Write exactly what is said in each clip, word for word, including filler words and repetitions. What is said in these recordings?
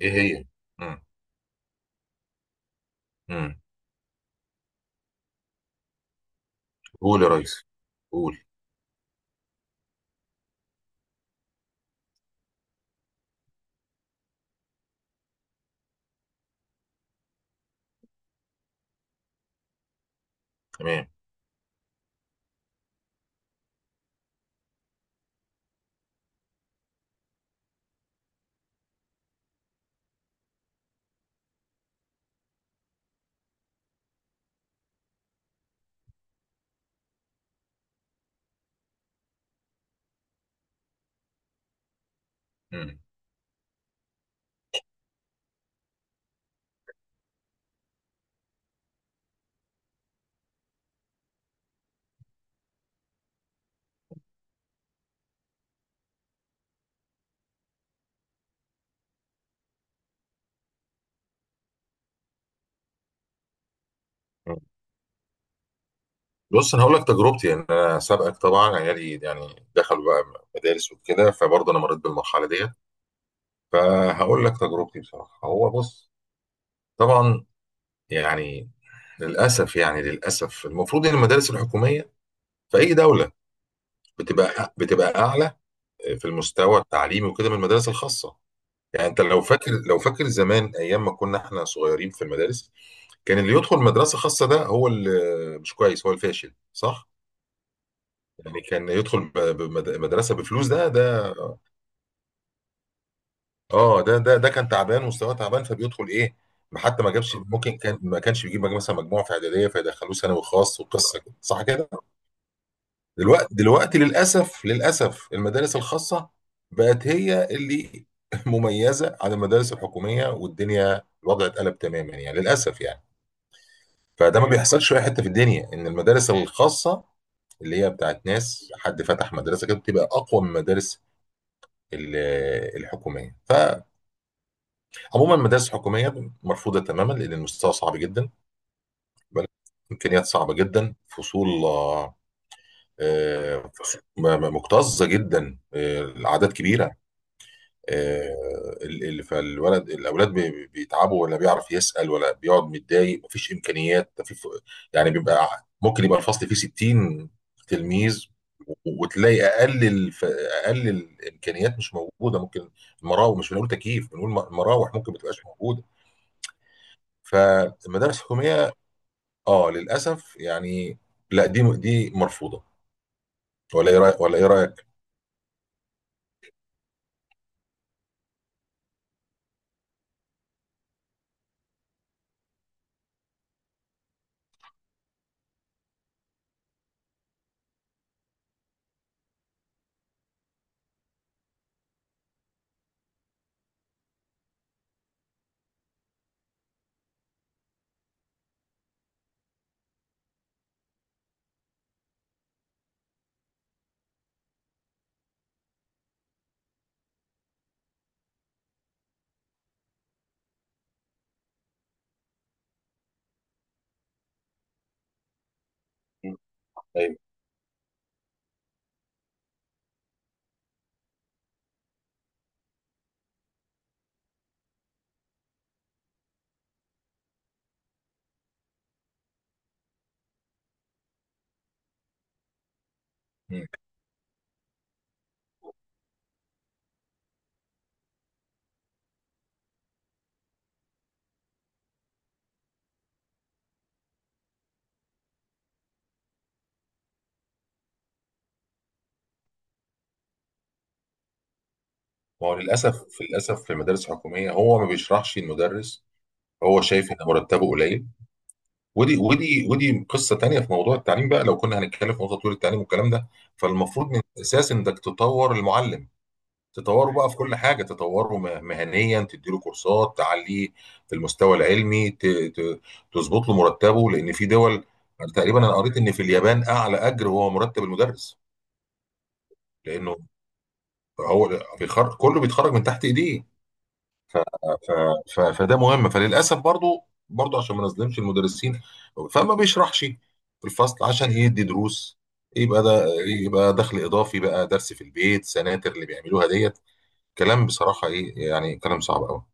ايه هي؟ امم امم قول يا ريس، قول. تمام. امم أمم. بص، انا هقول لك تجربتي. يعني انا سابقك طبعا، عيالي يعني دخلوا بقى مدارس وكده، فبرضه انا مريت بالمرحله ديت. فهقول لك تجربتي بصراحه. هو بص، طبعا يعني للاسف، يعني للاسف المفروض ان المدارس الحكوميه في اي دوله بتبقى بتبقى اعلى في المستوى التعليمي وكده من المدارس الخاصه. يعني انت لو فاكر لو فاكر زمان ايام ما كنا احنا صغيرين في المدارس، كان اللي يدخل مدرسة خاصة ده هو اللي مش كويس، هو الفاشل، صح؟ يعني كان يدخل ب- بمد- مدرسة بفلوس. ده ده اه، ده ده ده كان تعبان، مستواه تعبان، فبيدخل ايه؟ ما حتى ما جابش، ممكن كان ما كانش بيجيب مجموع- مثلا مجموعة في إعدادية فيدخلوه ثانوي خاص وقصة كده، صح كده؟ دلوقتي دلوقتي للأسف، للأسف المدارس الخاصة بقت هي اللي مميزة عن المدارس الحكومية، والدنيا الوضع اتقلب تماما، يعني للأسف يعني. فده ما بيحصلش في اي حته في الدنيا ان المدارس الخاصه اللي هي بتاعت ناس، حد فتح مدرسه كده، بتبقى اقوى من المدارس ال- الحكوميه. فعموما المدارس الحكوميه مرفوضه تماما، لان المستوى صعب جدا، امكانيات صعبه جدا، فصول آه، آه، فصول م- م- مكتظه جدا، آه، الاعداد كبيره، آه، ال- ال- فالولد، الاولاد بي- بي- بيتعبوا، ولا بيعرف يسال، ولا بيقعد متضايق، مفيش امكانيات. ده في ف- يعني بيبقى ممكن يبقى الفصل فيه ستين تلميذ، و- وتلاقي اقل الف... اقل الامكانيات مش موجوده. ممكن المراوح، مش بنقول تكييف بنقول م- مراوح، ممكن ما تبقاش موجوده. فالمدارس الحكوميه اه للاسف يعني، لا دي دي مرفوضه. ولا ايه رايك، ولا ايه رايك؟ ايوه. مم. ما هو للاسف، للاسف في المدارس الحكوميه هو ما بيشرحش المدرس، هو شايف ان مرتبه قليل. ودي ودي ودي قصه تانية. في موضوع التعليم بقى، لو كنا هنتكلم في موضوع تطوير التعليم والكلام ده، فالمفروض من الاساس انك تطور المعلم. تطوره بقى في كل حاجه، تطوره مه- مهنيا، تديله كورسات تعليه في المستوى العلمي، ت- ت- تظبط له مرتبه، لان في دول، تقريبا انا قريت ان في اليابان اعلى اجر هو مرتب المدرس، لانه هو بيخرج، كله بيتخرج من تحت ايديه. ف- ف- فده مهم. فللاسف برضو، برضو عشان ما نظلمش المدرسين، فما بيشرحش في الفصل عشان يدي دروس، يبقى ده يبقى دخل اضافي، بقى درس في البيت، سناتر اللي بيعملوها ديت. كلام بصراحه ايه يعني، كلام صعب قوي.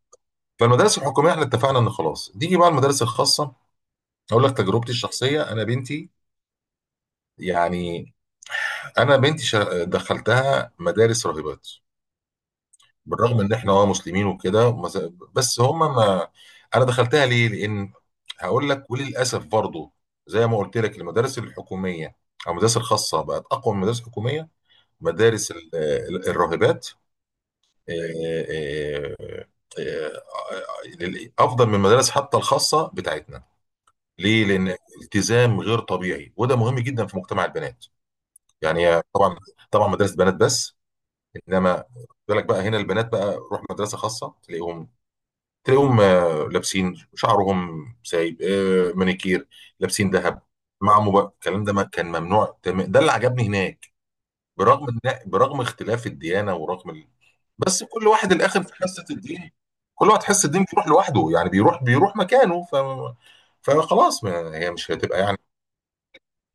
فالمدارس الحكوميه احنا اتفقنا ان خلاص، تيجي بقى المدارس الخاصه. اقول لك تجربتي الشخصيه، انا بنتي، يعني انا بنتي شا- دخلتها مدارس راهبات، بالرغم ان احنا اه مسلمين وكده ومس- بس هم ما، انا دخلتها ليه؟ لان هقول لك، وللاسف برضه زي ما قلت لك المدارس الحكوميه او المدارس الخاصه بقت اقوى من المدارس الحكوميه. مدارس ال- ال- الراهبات آه، آه، آه، آه، آه، آه، افضل من المدارس حتى الخاصه بتاعتنا. ليه؟ لان التزام غير طبيعي، وده مهم جدا في مجتمع البنات يعني. طبعا طبعا مدارس بنات بس. انما بالك بقى، هنا البنات بقى روح مدرسه خاصه تلاقيهم، تلاقيهم آه، لابسين شعرهم سايب، آه، مانيكير، لابسين ذهب، مع موبايل، الكلام ده ما كان ممنوع. تم- ده اللي عجبني هناك، برغم إن- برغم اختلاف الديانه، ورغم ال... بس كل واحد الاخر في حصه الدين، كل واحد حس الدين بيروح لوحده، يعني بيروح بيروح مكانه. ف... فخلاص ما هي مش هتبقى يعني.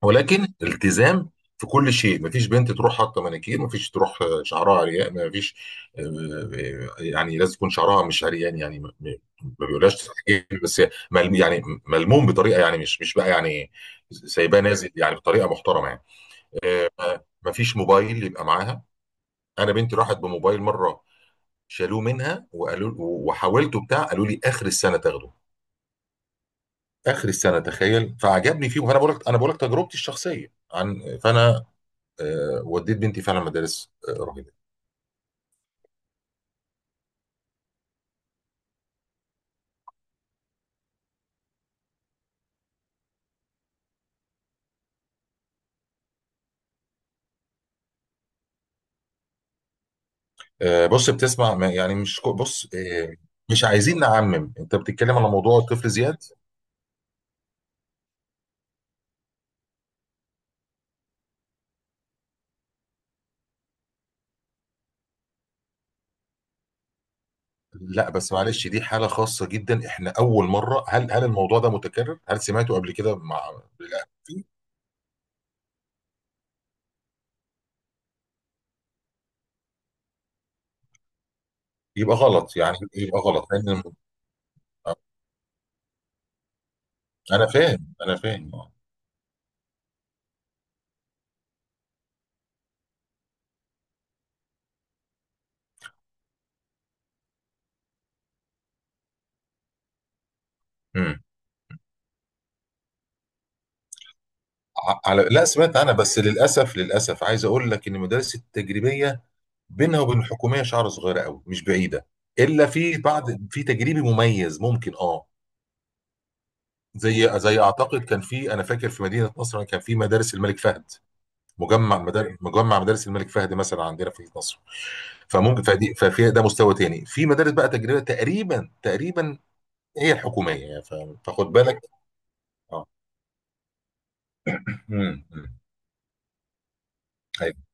ولكن التزام في كل شيء، مفيش بنت تروح حاطه مانيكير، مفيش تروح آه، شعرها عريان، مفيش آه، آه، يعني لازم يكون شعرها مش عريان يعني ما ما- ما بيقولهاش تحجير، بس ملم يعني، ملموم بطريقه يعني، مش مش بقى يعني سايباه نازل يعني، بطريقه محترمه يعني. آه، ما- مفيش موبايل يبقى معاها. انا بنتي راحت بموبايل مره، شالوه منها وقالوا، وحاولته بتاع، قالوا لي اخر السنه تاخده، اخر السنه، تخيل. فعجبني فيه، وانا بقول لك، انا بقول لك تجربتي الشخصيه. عن فانا آه، وديت بنتي فعلا مدارس آه، رهيبه. آه، بص، بتسمع ما- يعني مش كو- بص آه، مش عايزين نعمم، انت بتتكلم على موضوع الطفل زياد. لا بس معلش، دي حاله خاصه جدا، احنا اول مره. هل هل الموضوع ده متكرر؟ هل سمعته قبل كده مع؟ لا، يبقى غلط يعني، يبقى غلط، لان انا فاهم انا فاهم آه. مم. ع- على، لا سمعت عنها، بس للاسف، للاسف عايز اقول لك ان المدارس التجريبيه بينها وبين الحكوميه شعره صغيره قوي، مش بعيده، الا في بعض، في تجريبي مميز ممكن اه. زي زي اعتقد كان في، انا فاكر في مدينه نصر كان في مدارس الملك فهد، مجمع مدارس، مجمع مدارس الملك فهد مثلا عندنا في نصر. فممكن، فدي ففي ده مستوى تاني في مدارس بقى تجريبيه، تقريبا تقريبا هي الحكوميه يعني، ف- فخد بالك. اه. امم أمم. أيوة.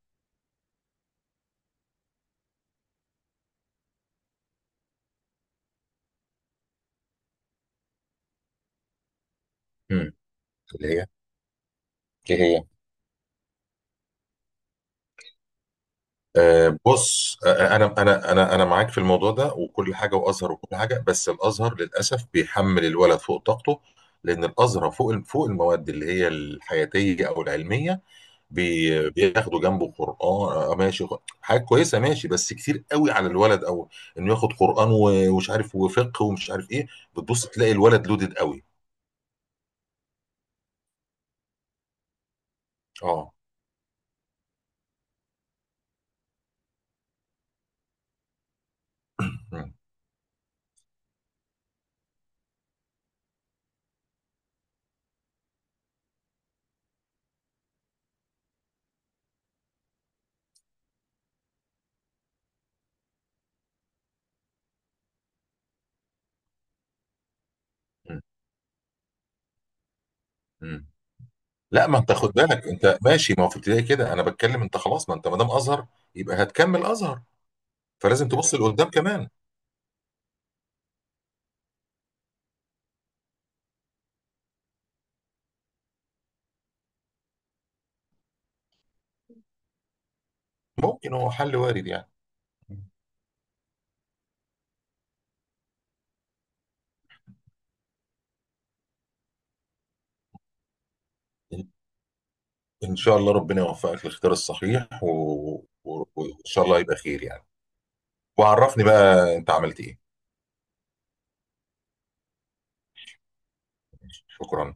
أمم. اللي هي ايه هي؟ آه، بص آه، آه، انا انا انا انا معاك في الموضوع ده وكل حاجه، وازهر وكل حاجه، بس الازهر للاسف بيحمل الولد فوق طاقته، لان الازهر فوق، فوق المواد اللي هي الحياتيه او العلميه بي- بياخدوا جنبه قران، آه آه، ماشي، خ- حاجه كويسه، ماشي، بس كتير قوي على الولد، او انه ياخد قران و- ومش عارف، وفقه ومش عارف ايه. بتبص تلاقي الولد لودد قوي. اه. مم. مم. مم. لا، ما انت خد بالك، انت ماشي، ما هو في ابتدائي كده انا بتكلم. انت خلاص، ما انت ما دام ازهر يبقى هتكمل ازهر، فلازم تبص لقدام كمان. ممكن هو حل وارد يعني. إن إن شاء الله ربنا يوفقك للاختيار الصحيح و... و... وإن شاء الله يبقى خير يعني. وعرفني بقى أنت عملت إيه. شكرا.